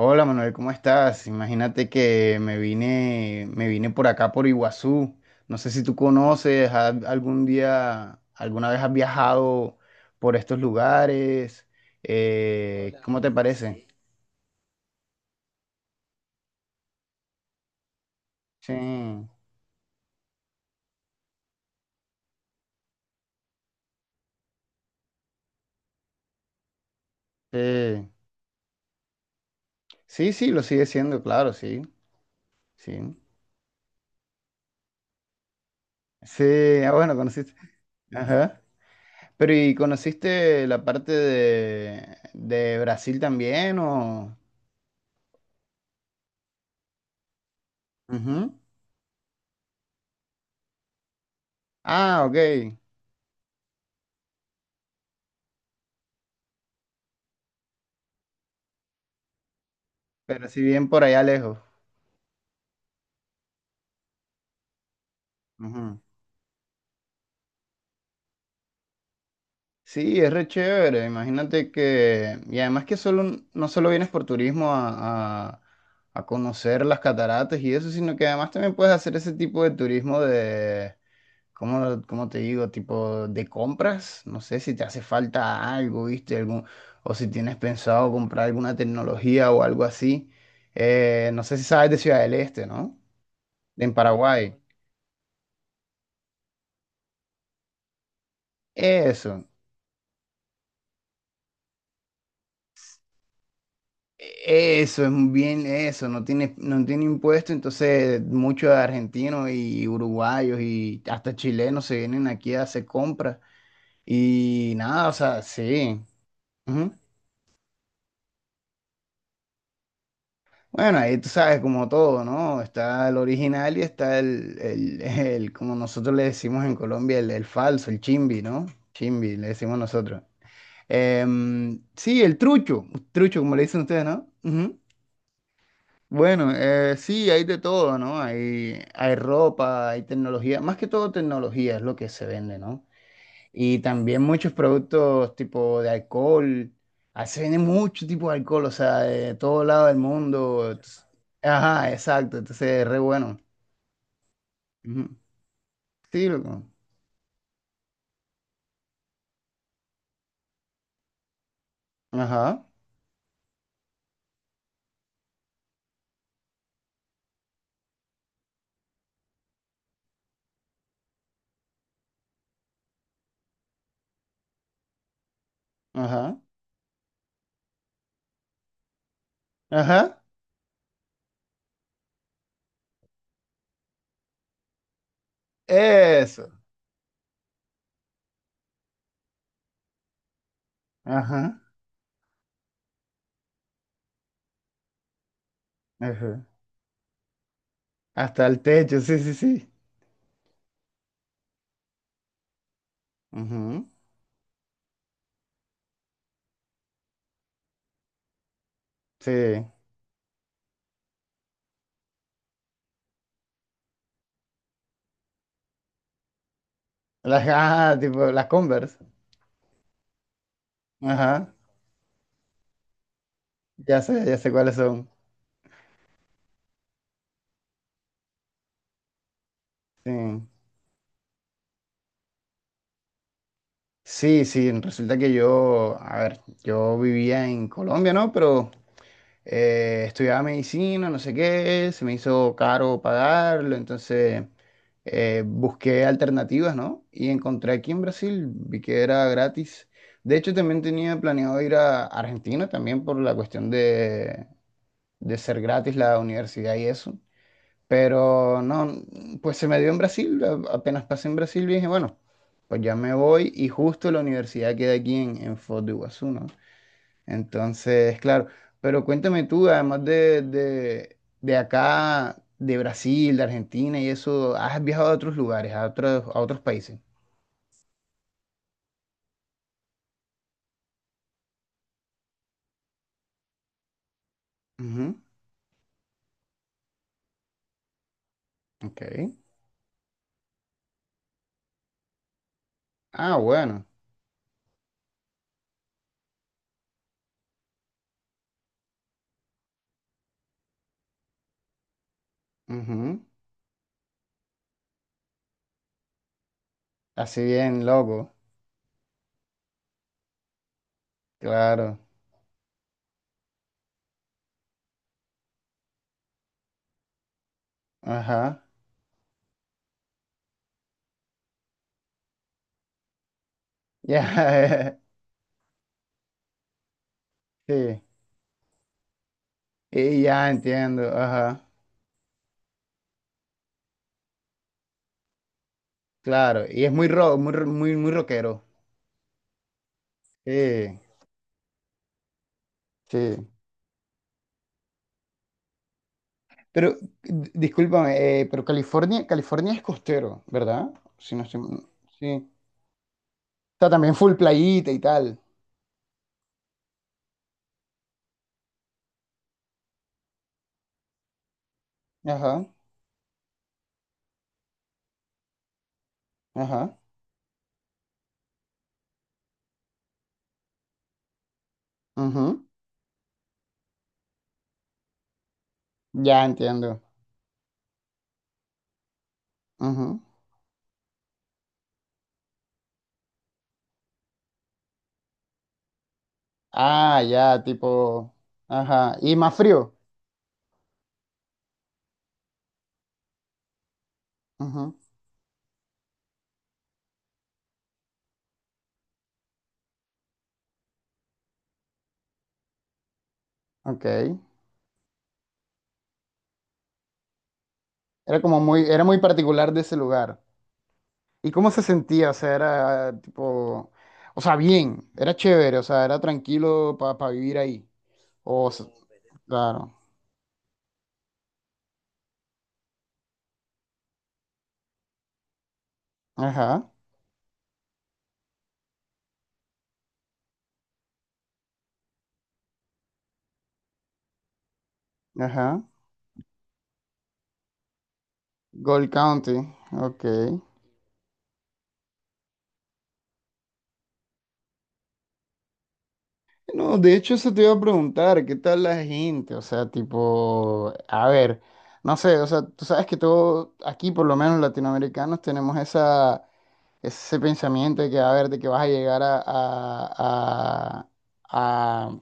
Hola Manuel, ¿cómo estás? Imagínate que me vine por acá por Iguazú. No sé si tú conoces, algún día, alguna vez has viajado por estos lugares. Hola, ¿cómo te hola, parece? Sí. Sí, sí, sí, sí, lo sigue siendo, claro, sí, sí. Sí, ah, bueno, conociste. Ajá. Pero ¿y conociste la parte de Brasil también o? Ujú. Ah, ok. Pero si bien por allá lejos. Ujú. Sí, es re chévere. Imagínate que, y además que solo, no solo vienes por turismo a conocer las cataratas y eso, sino que además también puedes hacer ese tipo de turismo de, ¿cómo te digo? Tipo de compras. No sé si te hace falta algo, ¿viste? Algún, o si tienes pensado comprar alguna tecnología o algo así. No sé si sabes de Ciudad del Este, ¿no? En Paraguay. Eso. Eso es bien, eso, no tiene impuesto, entonces muchos argentinos y uruguayos y hasta chilenos se vienen aquí a hacer compras y nada, o sea, sí. Ujú. Bueno, ahí tú sabes, como todo, ¿no? Está el original y está el, como nosotros le decimos en Colombia, el falso, el chimbi, ¿no? Chimbi, le decimos nosotros. Sí, el trucho, como le dicen ustedes, ¿no? Ujú. Bueno, sí, hay de todo, ¿no? Hay ropa, hay tecnología, más que todo tecnología es lo que se vende, ¿no? Y también muchos productos tipo de alcohol, ah, se vende mucho tipo de alcohol, o sea, de todo lado del mundo. Entonces... Ajá, exacto, entonces es re bueno. Ujú. Sí, loco. Ajá, ajá, ajá, eso, ajá, ajá. Hasta el techo, sí, sí, sí. Ujú. Sí, las, ajá, tipo las Converse, ajá. Ya sé cuáles son. Sí. Sí, sí, resulta que yo, a ver, yo vivía en Colombia, ¿no? Pero estudiaba medicina, no sé qué, se me hizo caro pagarlo, entonces busqué alternativas, ¿no? Y encontré aquí en Brasil, vi que era gratis. De hecho, también tenía planeado ir a Argentina, también por la cuestión de ser gratis la universidad y eso. Pero no, pues se me dio en Brasil, apenas pasé en Brasil dije, bueno, pues ya me voy y justo la universidad queda aquí en Foz de Iguazú, ¿no? Entonces, claro, pero cuéntame tú, además de acá, de Brasil, de Argentina y eso, ¿has viajado a otros lugares, a otros países? Ujú. Ok. Ah, bueno. Ujú. Así bien, loco. Claro. Ajá. Ya. Sí. Y ya entiendo. Ajá. Claro, y es muy rock, muy, muy rockero. Eh, sí. Pero, discúlpame, pero California es costero, ¿verdad? Si no estoy... Sí. Está también full playita y tal. Ajá, ajá. Ujú. Ya entiendo. Ujú. Ah, ya, tipo. Ajá. Y más frío. Ujú. Ok. Era como muy, era muy particular de ese lugar. ¿Y cómo se sentía? O sea, era tipo. O sea, bien, era chévere, o sea, era tranquilo para vivir ahí. O, s- claro. Ajá, ajá. Gold County, ok. No, de hecho eso te iba a preguntar, ¿qué tal la gente? O sea, tipo, a ver, no sé, o sea, tú sabes que todos aquí, por lo menos latinoamericanos, tenemos esa, ese pensamiento de que, a ver, de que vas a llegar a, a-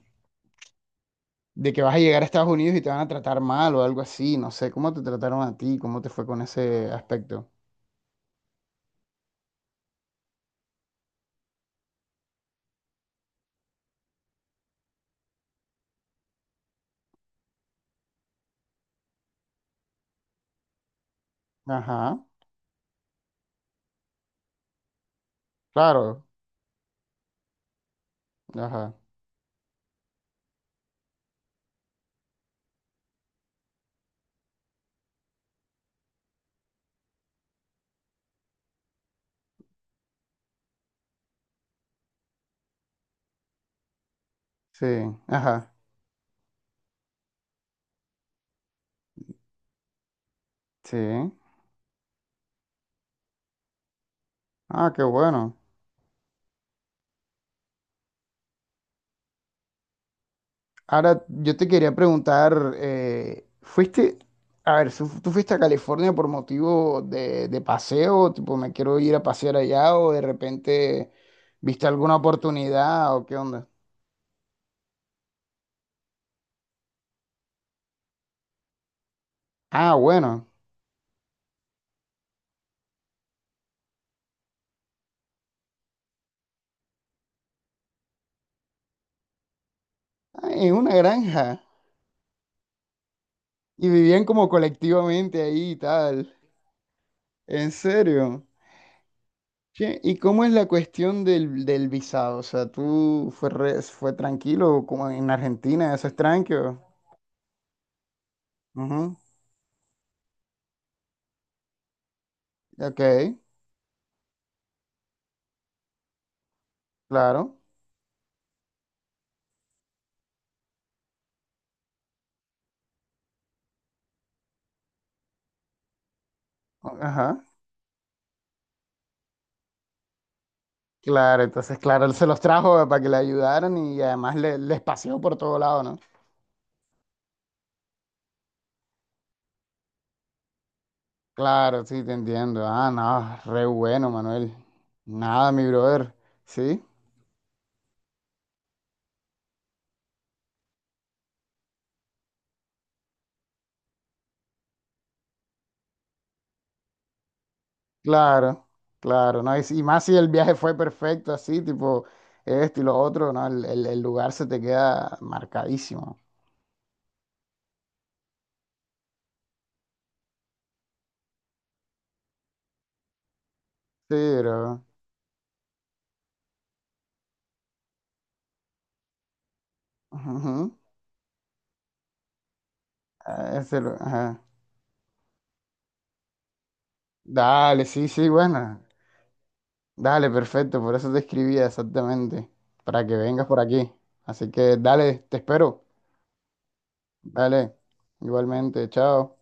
de que vas a llegar a Estados Unidos y te van a tratar mal o algo así, no sé, ¿cómo te trataron a ti? ¿Cómo te fue con ese aspecto? Ajá, claro, ajá, sí, ajá. Sí. Ah, qué bueno. Ahora, yo te quería preguntar, ¿fuiste, a ver, ¿tú fuiste a California por motivo de paseo? Tipo, me quiero ir a pasear allá o de repente viste alguna oportunidad o qué onda? Ah, bueno. Ah, en una granja. Y vivían como colectivamente ahí y tal. ¿En serio? Che, ¿y cómo es la cuestión del, del visado? O sea, ¿tú fue, fue tranquilo como en Argentina? ¿Eso es tranquilo? Ok, claro. Ajá. Claro, entonces, claro, él se los trajo para que le ayudaran y además les paseó por todo lado, ¿no? Claro, sí, te entiendo. Ah, no, re bueno, Manuel. Nada, mi brother. Sí, claro, claro, ¿no? Y, y más si el viaje fue perfecto, así, tipo, esto y lo otro, ¿no? El lugar se te queda marcadísimo. Sí, bro. Ujú. Ah, ese ajá. Dale, sí, sí, bueno. Dale, perfecto, por eso te escribía exactamente, para que vengas por aquí. Así que dale, te espero. Dale, igualmente, chao.